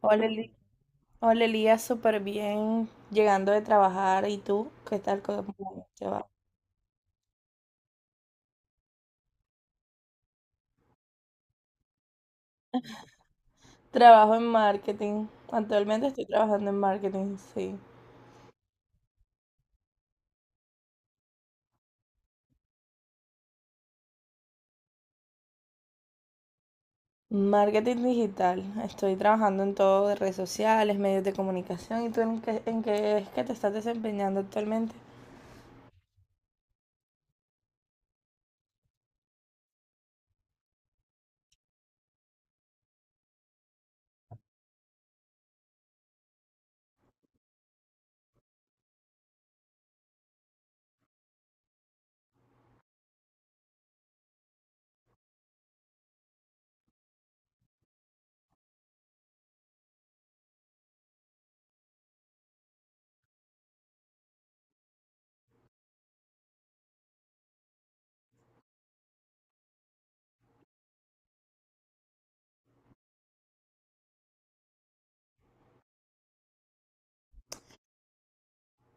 Hola, Hola Elías, súper bien, llegando de trabajar. ¿Y tú? ¿Qué tal? ¿Cómo te va? Trabajo en marketing. Actualmente estoy trabajando en marketing, sí. Marketing digital. Estoy trabajando en todo de redes sociales, medios de comunicación. ¿Y tú en qué es que te estás desempeñando actualmente?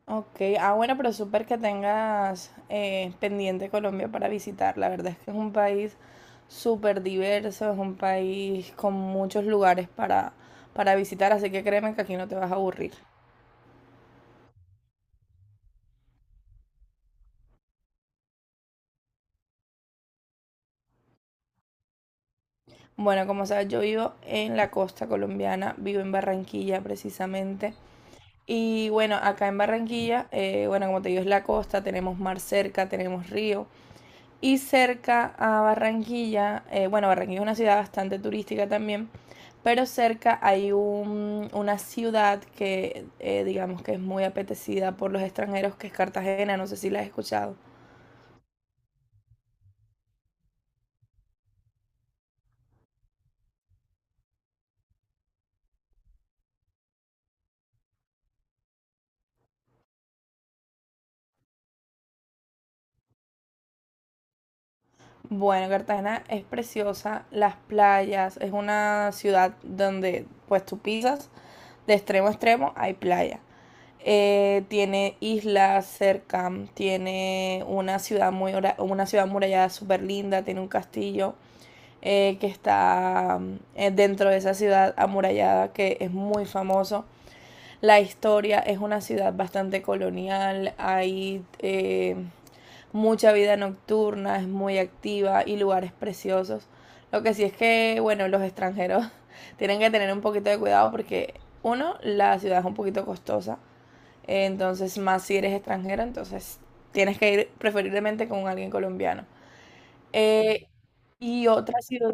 Ok, ah bueno, pero súper que tengas pendiente Colombia para visitar. La verdad es que es un país súper diverso, es un país con muchos lugares para visitar, así que créeme que aquí no te vas a aburrir. Bueno, como sabes, yo vivo en la costa colombiana, vivo en Barranquilla precisamente. Y bueno, acá en Barranquilla, bueno, como te digo, es la costa, tenemos mar cerca, tenemos río. Y cerca a Barranquilla, bueno, Barranquilla es una ciudad bastante turística también, pero cerca hay una ciudad que digamos que es muy apetecida por los extranjeros, que es Cartagena, no sé si la has escuchado. Bueno, Cartagena es preciosa, las playas, es una ciudad donde pues tú pisas de extremo a extremo, hay playa. Tiene islas cerca, tiene una ciudad muy, una ciudad murallada súper linda, tiene un castillo, que está dentro de esa ciudad amurallada, que es muy famoso. La historia, es una ciudad bastante colonial, hay mucha vida nocturna, es muy activa y lugares preciosos. Lo que sí es que, bueno, los extranjeros tienen que tener un poquito de cuidado porque, uno, la ciudad es un poquito costosa, entonces más si eres extranjero, entonces tienes que ir preferiblemente con alguien colombiano. Eh, y otra ciudad...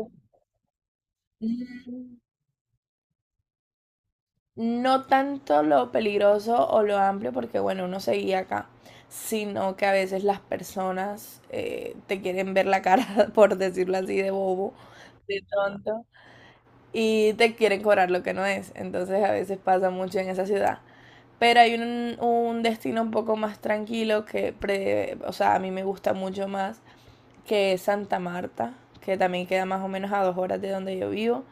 No tanto lo peligroso o lo amplio, porque bueno, uno se seguía acá, sino que a veces las personas te quieren ver la cara, por decirlo así, de bobo, de tonto, y te quieren cobrar lo que no es. Entonces a veces pasa mucho en esa ciudad. Pero hay un destino un poco más tranquilo que, o sea, a mí me gusta mucho más, que es Santa Marta, que también queda más o menos a dos horas de donde yo vivo.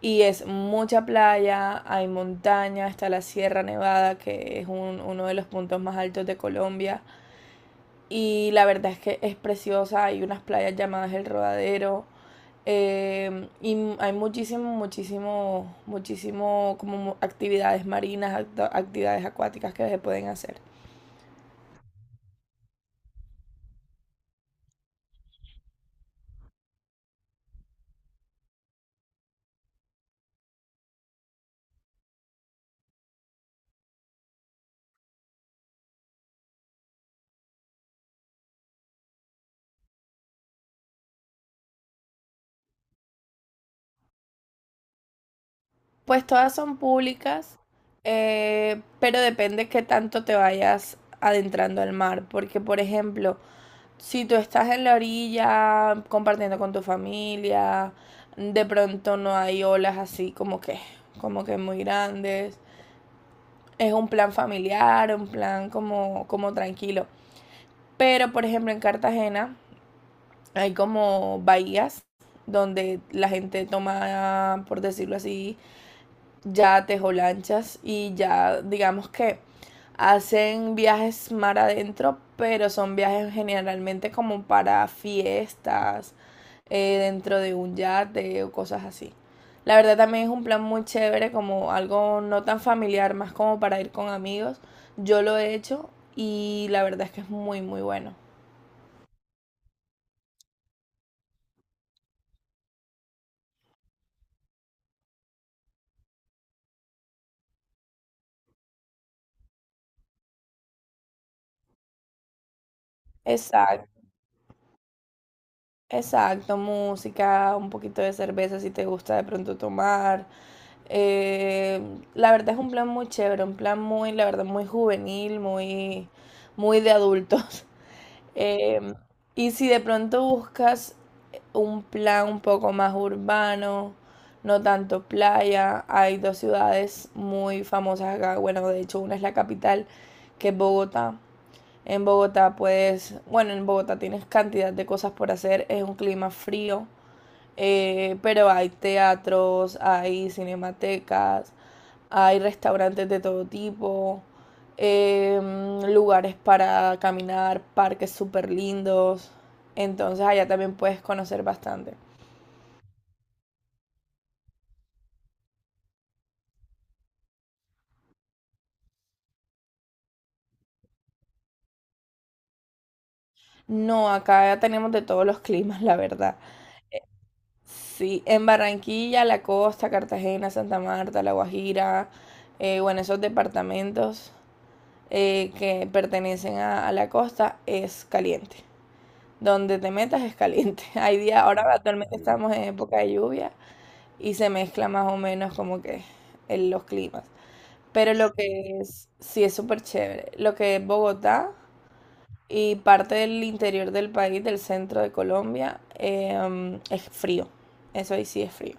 Y es mucha playa, hay montaña, está la Sierra Nevada, que es uno de los puntos más altos de Colombia. Y la verdad es que es preciosa, hay unas playas llamadas El Rodadero, y hay muchísimo, muchísimo, muchísimo como actividades marinas, actividades acuáticas que se pueden hacer. Pues todas son públicas, pero depende qué tanto te vayas adentrando al mar. Porque, por ejemplo, si tú estás en la orilla compartiendo con tu familia, de pronto no hay olas así como que muy grandes. Es un plan familiar, un plan como, como tranquilo. Pero por ejemplo en Cartagena hay como bahías donde la gente toma, por decirlo así, ya tejo lanchas y ya digamos que hacen viajes mar adentro, pero son viajes generalmente como para fiestas, dentro de un yate o cosas así. La verdad también es un plan muy chévere, como algo no tan familiar, más como para ir con amigos. Yo lo he hecho y la verdad es que es muy, muy bueno. Exacto. Exacto, música, un poquito de cerveza si te gusta de pronto tomar. Eh, la verdad es un plan muy chévere, un plan muy, la verdad, muy juvenil, muy, muy de adultos. Em, y si de pronto buscas un plan un poco más urbano, no tanto playa, hay dos ciudades muy famosas acá. Bueno, de hecho, una es la capital, que es Bogotá. En Bogotá puedes, bueno, en Bogotá tienes cantidad de cosas por hacer, es un clima frío, pero hay teatros, hay cinematecas, hay restaurantes de todo tipo, lugares para caminar, parques súper lindos, entonces allá también puedes conocer bastante. No, acá ya tenemos de todos los climas, la verdad. Sí, en Barranquilla, la costa, Cartagena, Santa Marta, La Guajira, bueno, esos departamentos que pertenecen a la costa, es caliente. Donde te metas es caliente. Hay días, ahora actualmente estamos en época de lluvia y se mezcla más o menos como que en los climas. Pero lo que es, sí es súper chévere. Lo que es Bogotá y parte del interior del país, del centro de Colombia, es frío. Eso ahí sí es frío.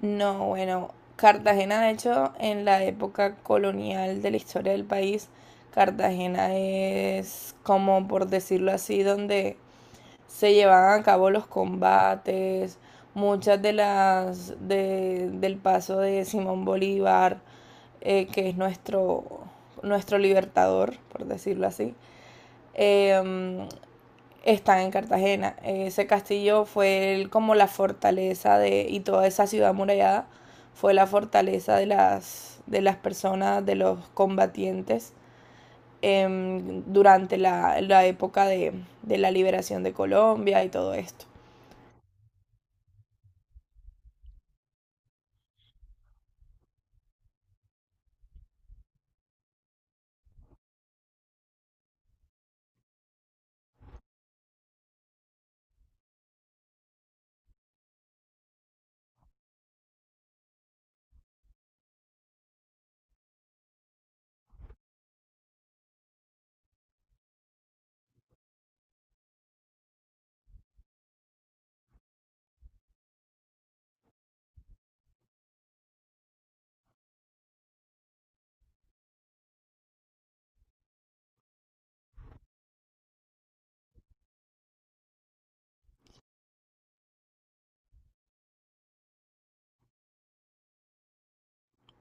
No, bueno, Cartagena, de hecho, en la época colonial de la historia del país, Cartagena es como, por decirlo así, donde se llevaban a cabo los combates, muchas de las del paso de Simón Bolívar, que es nuestro, nuestro libertador, por decirlo así. Em, Están en Cartagena. Ese castillo fue como la fortaleza de, y toda esa ciudad amurallada fue la fortaleza de las personas, de los combatientes durante la época de la liberación de Colombia y todo esto.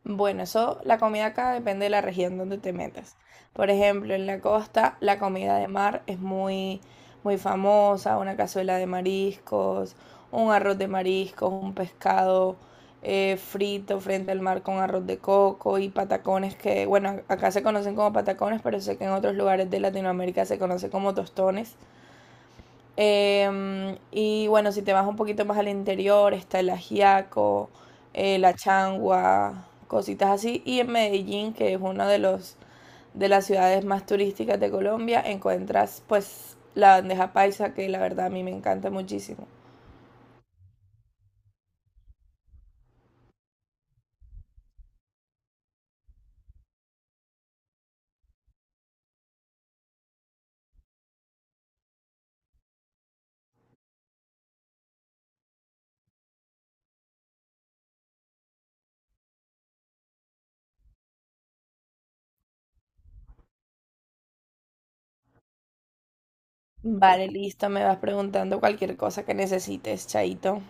Bueno, eso, la comida acá depende de la región donde te metas. Por ejemplo, en la costa, la comida de mar es muy, muy famosa, una cazuela de mariscos, un arroz de mariscos, un pescado frito frente al mar con arroz de coco y patacones que, bueno, acá se conocen como patacones, pero sé que en otros lugares de Latinoamérica se conoce como tostones. Y bueno, si te vas un poquito más al interior, está el ajiaco, la changua, cositas así. Y en Medellín, que es una de los de las ciudades más turísticas de Colombia, encuentras pues la bandeja paisa, que la verdad a mí me encanta muchísimo. Vale, listo, me vas preguntando cualquier cosa que necesites, Chaito.